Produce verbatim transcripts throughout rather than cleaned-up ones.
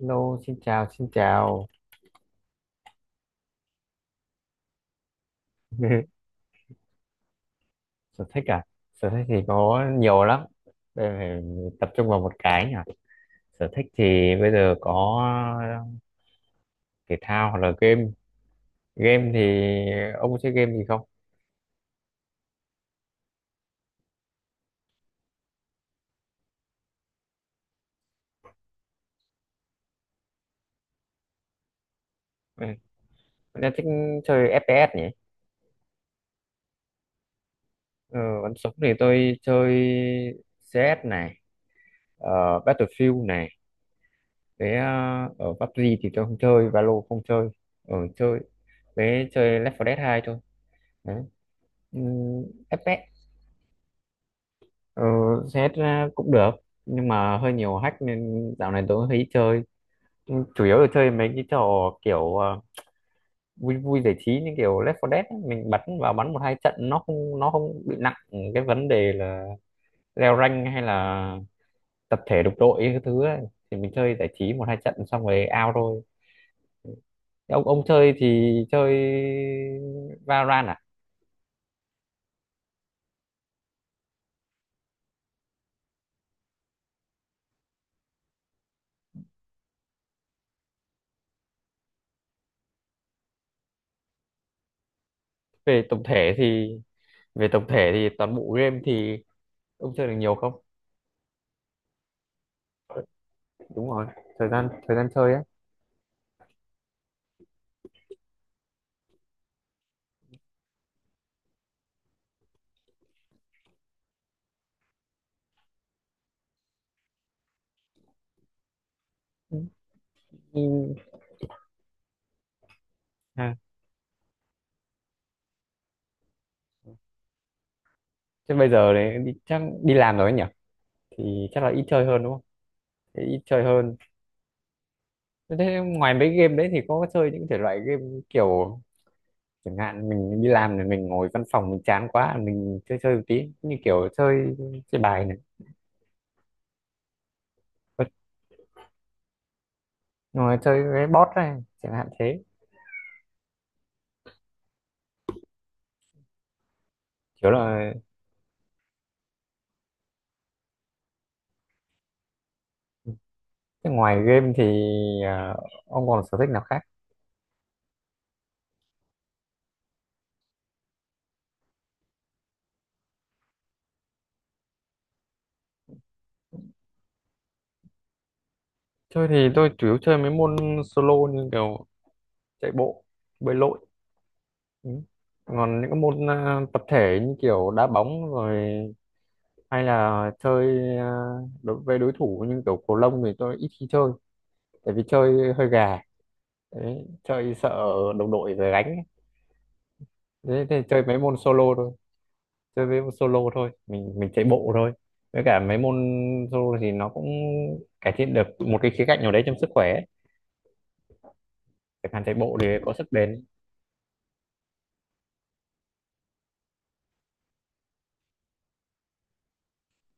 Hello, xin chào, xin chào. Sở thích à? Sở thích thì có nhiều lắm. Đây phải tập trung vào một cái nhỉ. Sở thích thì bây giờ có thể thao hoặc là game. Game thì ông có chơi game gì không? Ừ. Tôi thích chơi ép pê ét nhỉ. Ừ, bắn súng thì tôi chơi xê ét này, ờ, Battlefield này. Thế ờ, ở pê u bê giê thì tôi không chơi, Valo không chơi. Ở chơi, Thế chơi Left four Dead hai thôi. Đấy. Ừ. Ờ, Xét ra cũng được nhưng mà hơi nhiều hack nên dạo này tôi thấy chơi. Nhưng chủ yếu là chơi mấy cái trò kiểu ờ, vui vui giải trí như kiểu Left four Dead ấy. Mình bắn vào bắn một hai trận nó không nó không bị nặng. Cái vấn đề là leo rank hay là tập thể đục đội cái thứ ấy. Thì mình chơi giải trí một hai trận xong rồi out thôi. Thế ông ông chơi thì chơi Valorant à? về tổng thể thì Về tổng thể thì toàn bộ game thì ông chơi được nhiều không? Đúng rồi, thời gian thời gian chơi á. Ừ. Ừ, à, thế bây giờ đấy đi, chắc đi làm rồi ấy nhỉ, thì chắc là ít chơi hơn đúng không? Thế ít chơi hơn. Thế ngoài mấy game đấy thì có chơi những thể loại game kiểu, chẳng hạn mình đi làm thì mình ngồi văn phòng mình chán quá mình chơi chơi một tí như kiểu chơi chơi bài này, ngồi chơi cái bot này chẳng hạn thế, kiểu là, thế ngoài game thì à, ông còn sở thích nào khác? Chơi thì tôi chủ yếu chơi mấy môn solo như kiểu chạy bộ, bơi lội. Ừ. Còn những cái môn à, tập thể như kiểu đá bóng rồi, hay là chơi à, đối với đối thủ như kiểu cầu lông thì tôi ít khi chơi, tại vì chơi hơi gà. Đấy, chơi sợ đồng đội về gánh ấy. Thế thì chơi mấy môn solo thôi, chơi mấy môn solo thôi, mình mình chạy bộ thôi. Với cả mấy môn solo thì nó cũng cải thiện được một cái khía cạnh nào đấy trong sức khỏe ấy. Chẳng hạn chạy bộ thì có sức bền.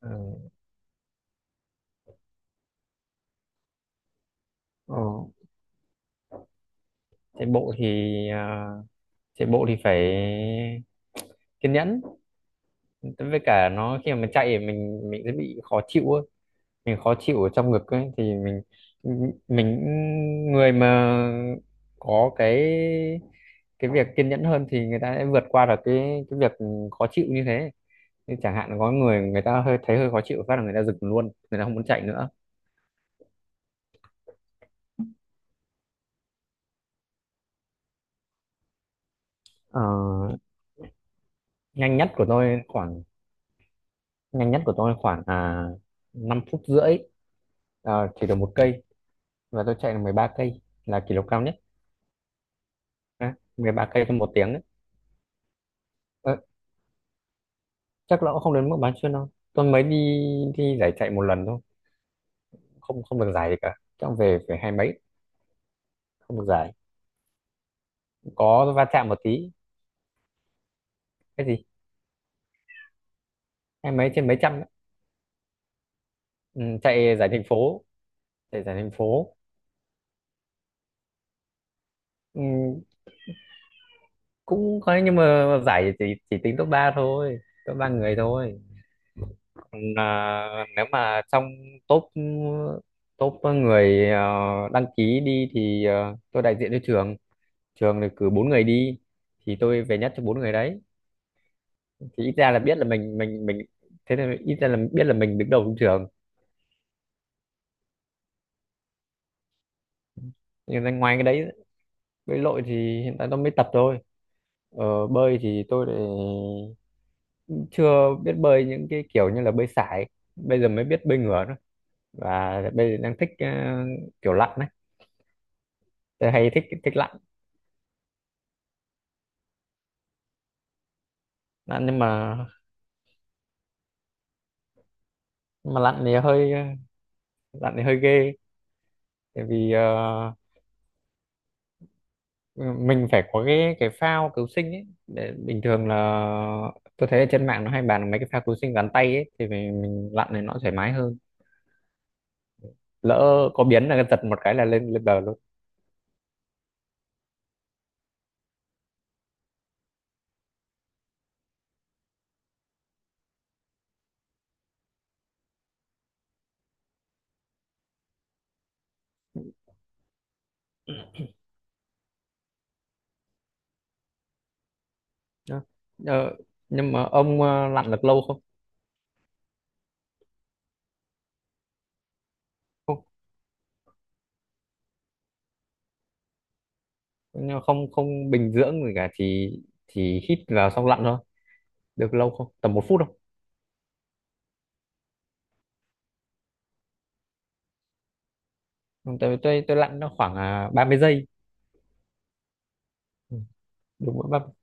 Ừ. Ờ, chạy bộ thì à, chạy bộ thì phải kiên nhẫn, với cả nó khi mà mình chạy thì mình mình sẽ bị khó chịu ấy. Mình khó chịu ở trong ngực ấy, thì mình mình người mà có cái cái việc kiên nhẫn hơn thì người ta sẽ vượt qua được cái cái việc khó chịu như thế. Như chẳng hạn có người người ta hơi thấy hơi khó chịu phát là người ta dừng luôn, người ta không muốn chạy nữa. Ờ, nhanh nhất của tôi khoảng, nhanh nhất của tôi khoảng à năm phút rưỡi. Ờ, chỉ được một cây, và tôi chạy được mười ba cây là kỷ lục cao nhất. Đấy, mười ba cây trong một tiếng ấy. Ờ, chắc là cũng không đến mức bán chuyên đâu, tôi mới đi, đi giải chạy một lần thôi, không không được giải gì cả, trong về phải hai mấy, không được giải. Có va chạm một tí, cái gì, hai mấy trên mấy trăm ấy. Ừ, chạy giải thành phố, chạy giải thành phố. Ừ, cũng có nhưng mà giải chỉ chỉ tính top ba thôi, top ba người thôi. Còn à, nếu mà trong top, top người, ờ, đăng ký đi thì ờ, tôi đại diện cho trường, trường thì cử bốn người đi, thì tôi về nhất cho bốn người đấy. Thì ít ra là biết là mình mình mình Thế thì ít ra là biết là mình đứng đầu trong trường. Nhưng mà ngoài cái đấy, bơi lội thì hiện tại tôi mới tập thôi. Ờ, bơi thì tôi lại chưa biết bơi những cái kiểu như là bơi sải, bây giờ mới biết bơi ngửa thôi. Và bây giờ đang thích ờ, kiểu lặn đấy. Tôi hay thích thích lặn, lặn nhưng mà, nhưng mà lặn thì hơi, lặn thì hơi ghê. Tại vì ờ, ừ, mình phải có cái cái phao cứu sinh ấy, để bình thường là tôi thấy ở trên mạng nó hay bàn mấy cái phao cứu sinh gắn tay ấy thì mình, mình lặn này nó thoải mái hơn, lỡ có biến là giật một cái là lên lên bờ luôn. Đó. Ờ, nhưng mà ông ờ, lặn được lâu không? Không, nhưng mà không không bình dưỡng gì cả, chỉ chỉ hít vào xong lặn thôi. Được lâu không, tầm một phút? Không, tôi tôi tôi lặn nó khoảng à, ba mươi giây. Ừ, đúng mỗi ba mươi.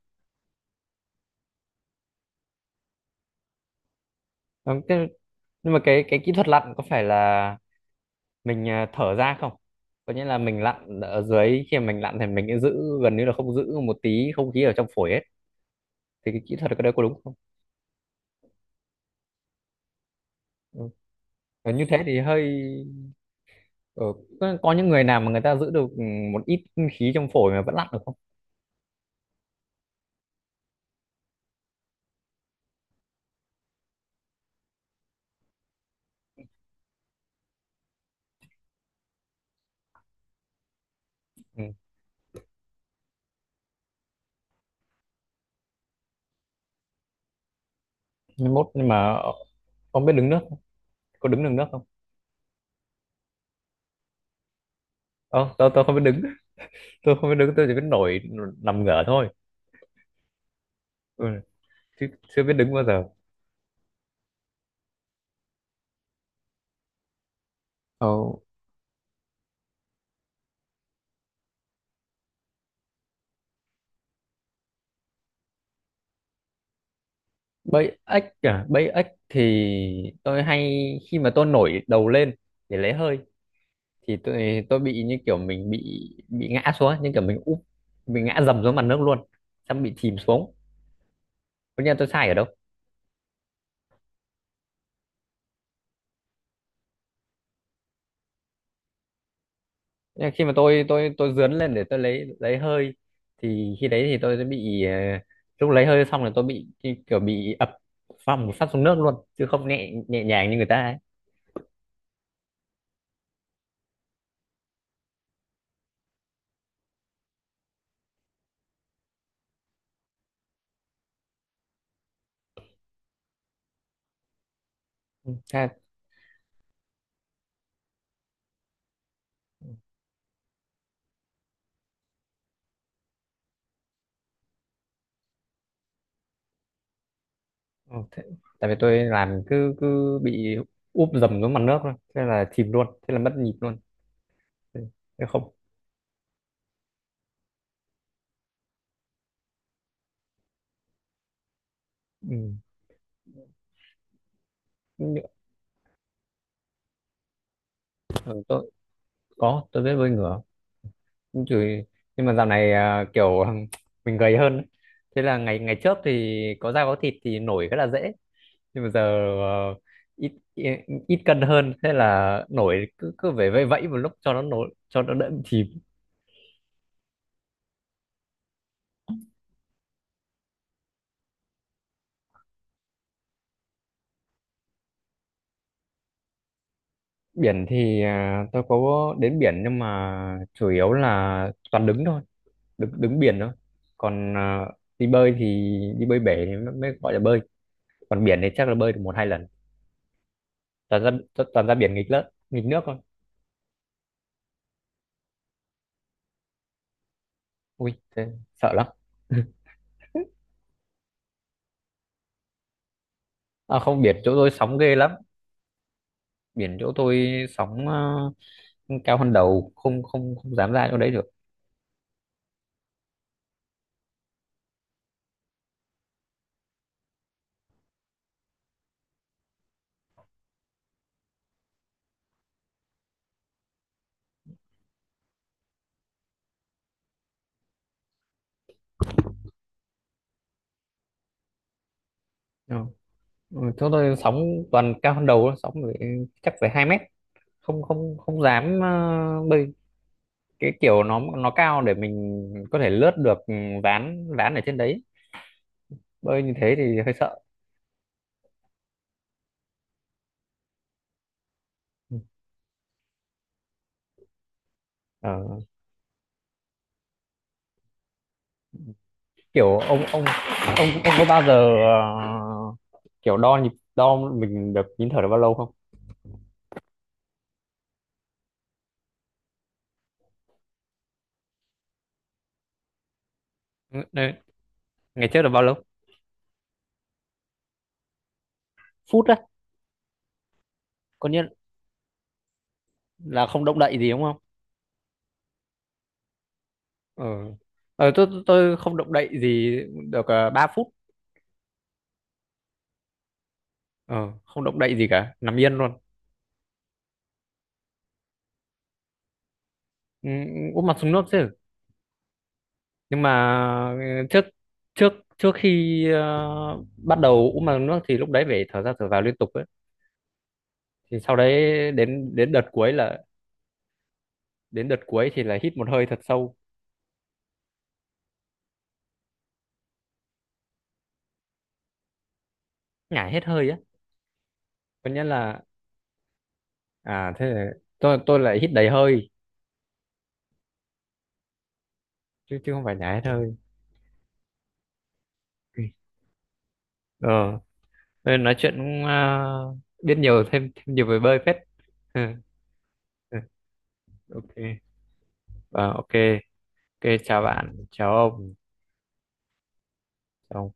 Ờ, cái- nhưng mà cái cái kỹ thuật lặn có phải là mình à, thở ra không? Có nghĩa là mình lặn ở dưới, khi mà mình lặn thì mình sẽ giữ gần như là không, giữ một tí không khí ở trong phổi hết, thì cái kỹ thuật ở đây có đúng không? Ừ. Ờ, như thế thì hơi ờ, có, có những người nào mà người ta giữ được ừ, một ít khí trong phổi mà vẫn lặn được không? Ừ. Mai mốt nhưng mà ờ, không biết đứng nước không? Có đứng được nước không? Ờ tôi tôi không biết đứng, tôi không biết đứng, tôi chỉ biết nổi, ừ, nằm ngửa thôi. Ừ. Chứ chưa biết đứng bao giờ. ờ, Bẫy ếch à, bẫy ếch thì tôi hay, khi mà tôi nổi đầu lên để lấy hơi, thì tôi tôi bị như kiểu mình bị bị ngã xuống, như kiểu mình úp, mình ngã dầm xuống mặt nước luôn, xong bị chìm xuống. Tất nhiên tôi sai ở đâu? Nhưng khi mà tôi tôi tôi dướn lên để tôi lấy lấy hơi, thì khi đấy thì tôi sẽ bị ờ, lúc lấy hơi xong là tôi bị như kiểu bị ập, phăng một phát xuống nước luôn, chứ không nhẹ nhẹ nhàng như người ta ấy. Ừ, thế, ừ, thế, tại vì tôi làm cứ cứ bị úp dầm xuống mặt nước thôi, thế là chìm luôn, thế là mất nhịp luôn. Thế Thế không? Ừ. nhưng- ừ, tôi có, tôi biết bơi ngửa. Chửi. Nhưng mà dạo này à, kiểu mình gầy hơn ấy. Thế là ngày ngày trước thì có da có thịt thì nổi rất là dễ. Nhưng mà giờ ờ, ít, ít ít cân hơn, thế là nổi cứ cứ về vẫy vẫy một lúc cho nó nổi, cho nó đỡ bị chìm. Biển thì à, tôi có đến biển nhưng mà chủ yếu là toàn đứng thôi, đứng đứng biển thôi. Còn à, đi bơi thì, đi bơi bể thì mới mới gọi là bơi. Còn biển thì chắc là bơi được một hai lần. Toàn ra Toàn ra biển nghịch lớp, nghịch nước thôi. Ui, thế sợ lắm. À, không, biển chỗ tôi sóng ghê lắm, biển chỗ tôi sóng ờ, cao hơn đầu, không không không dám ra chỗ đấy được. Ừ. Ừ, chỗ tôi sóng toàn cao hơn đầu thôi, sóng phải, chắc phải hai mét, không không không dám ờ, bơi, cái kiểu nó nó cao để mình có thể lướt được ừ, ván ván ở trên đấy, bơi như thế thì hơi sợ. Ừ. Ờ, kiểu ông ông ông ông có bao giờ ờ, kiểu đo nhịp, đo mình được nín thở được bao lâu không? Ừ, đấy. Ngày trước là bao lâu? Phút á? Có nghĩa là không động đậy gì đúng không? Ờ. ờ tôi tôi tôi không động đậy gì, được uh, ba phút. Ờ, không động đậy gì cả, nằm yên luôn. Ừ, úp mặt xuống nước chứ. Nhưng mà, ừ, trước, trước trước khi ờ, bắt đầu úp mặt xuống nước thì lúc đấy phải thở ra thở vào liên tục ấy, thì sau đấy, đến đến đợt cuối là đến đợt cuối thì là hít một hơi thật sâu. Nhả hết hơi á? Có nghĩa là, à thế là, tôi tôi lại hít đầy hơi, chứ chứ không phải nhả hết hơi. Ừ. Ờ. Ờ, nói chuyện cũng à, biết nhiều, thêm thêm nhiều về bơi phết. Ok, Ờ, ok, ok chào bạn, chào ông. Chào ông.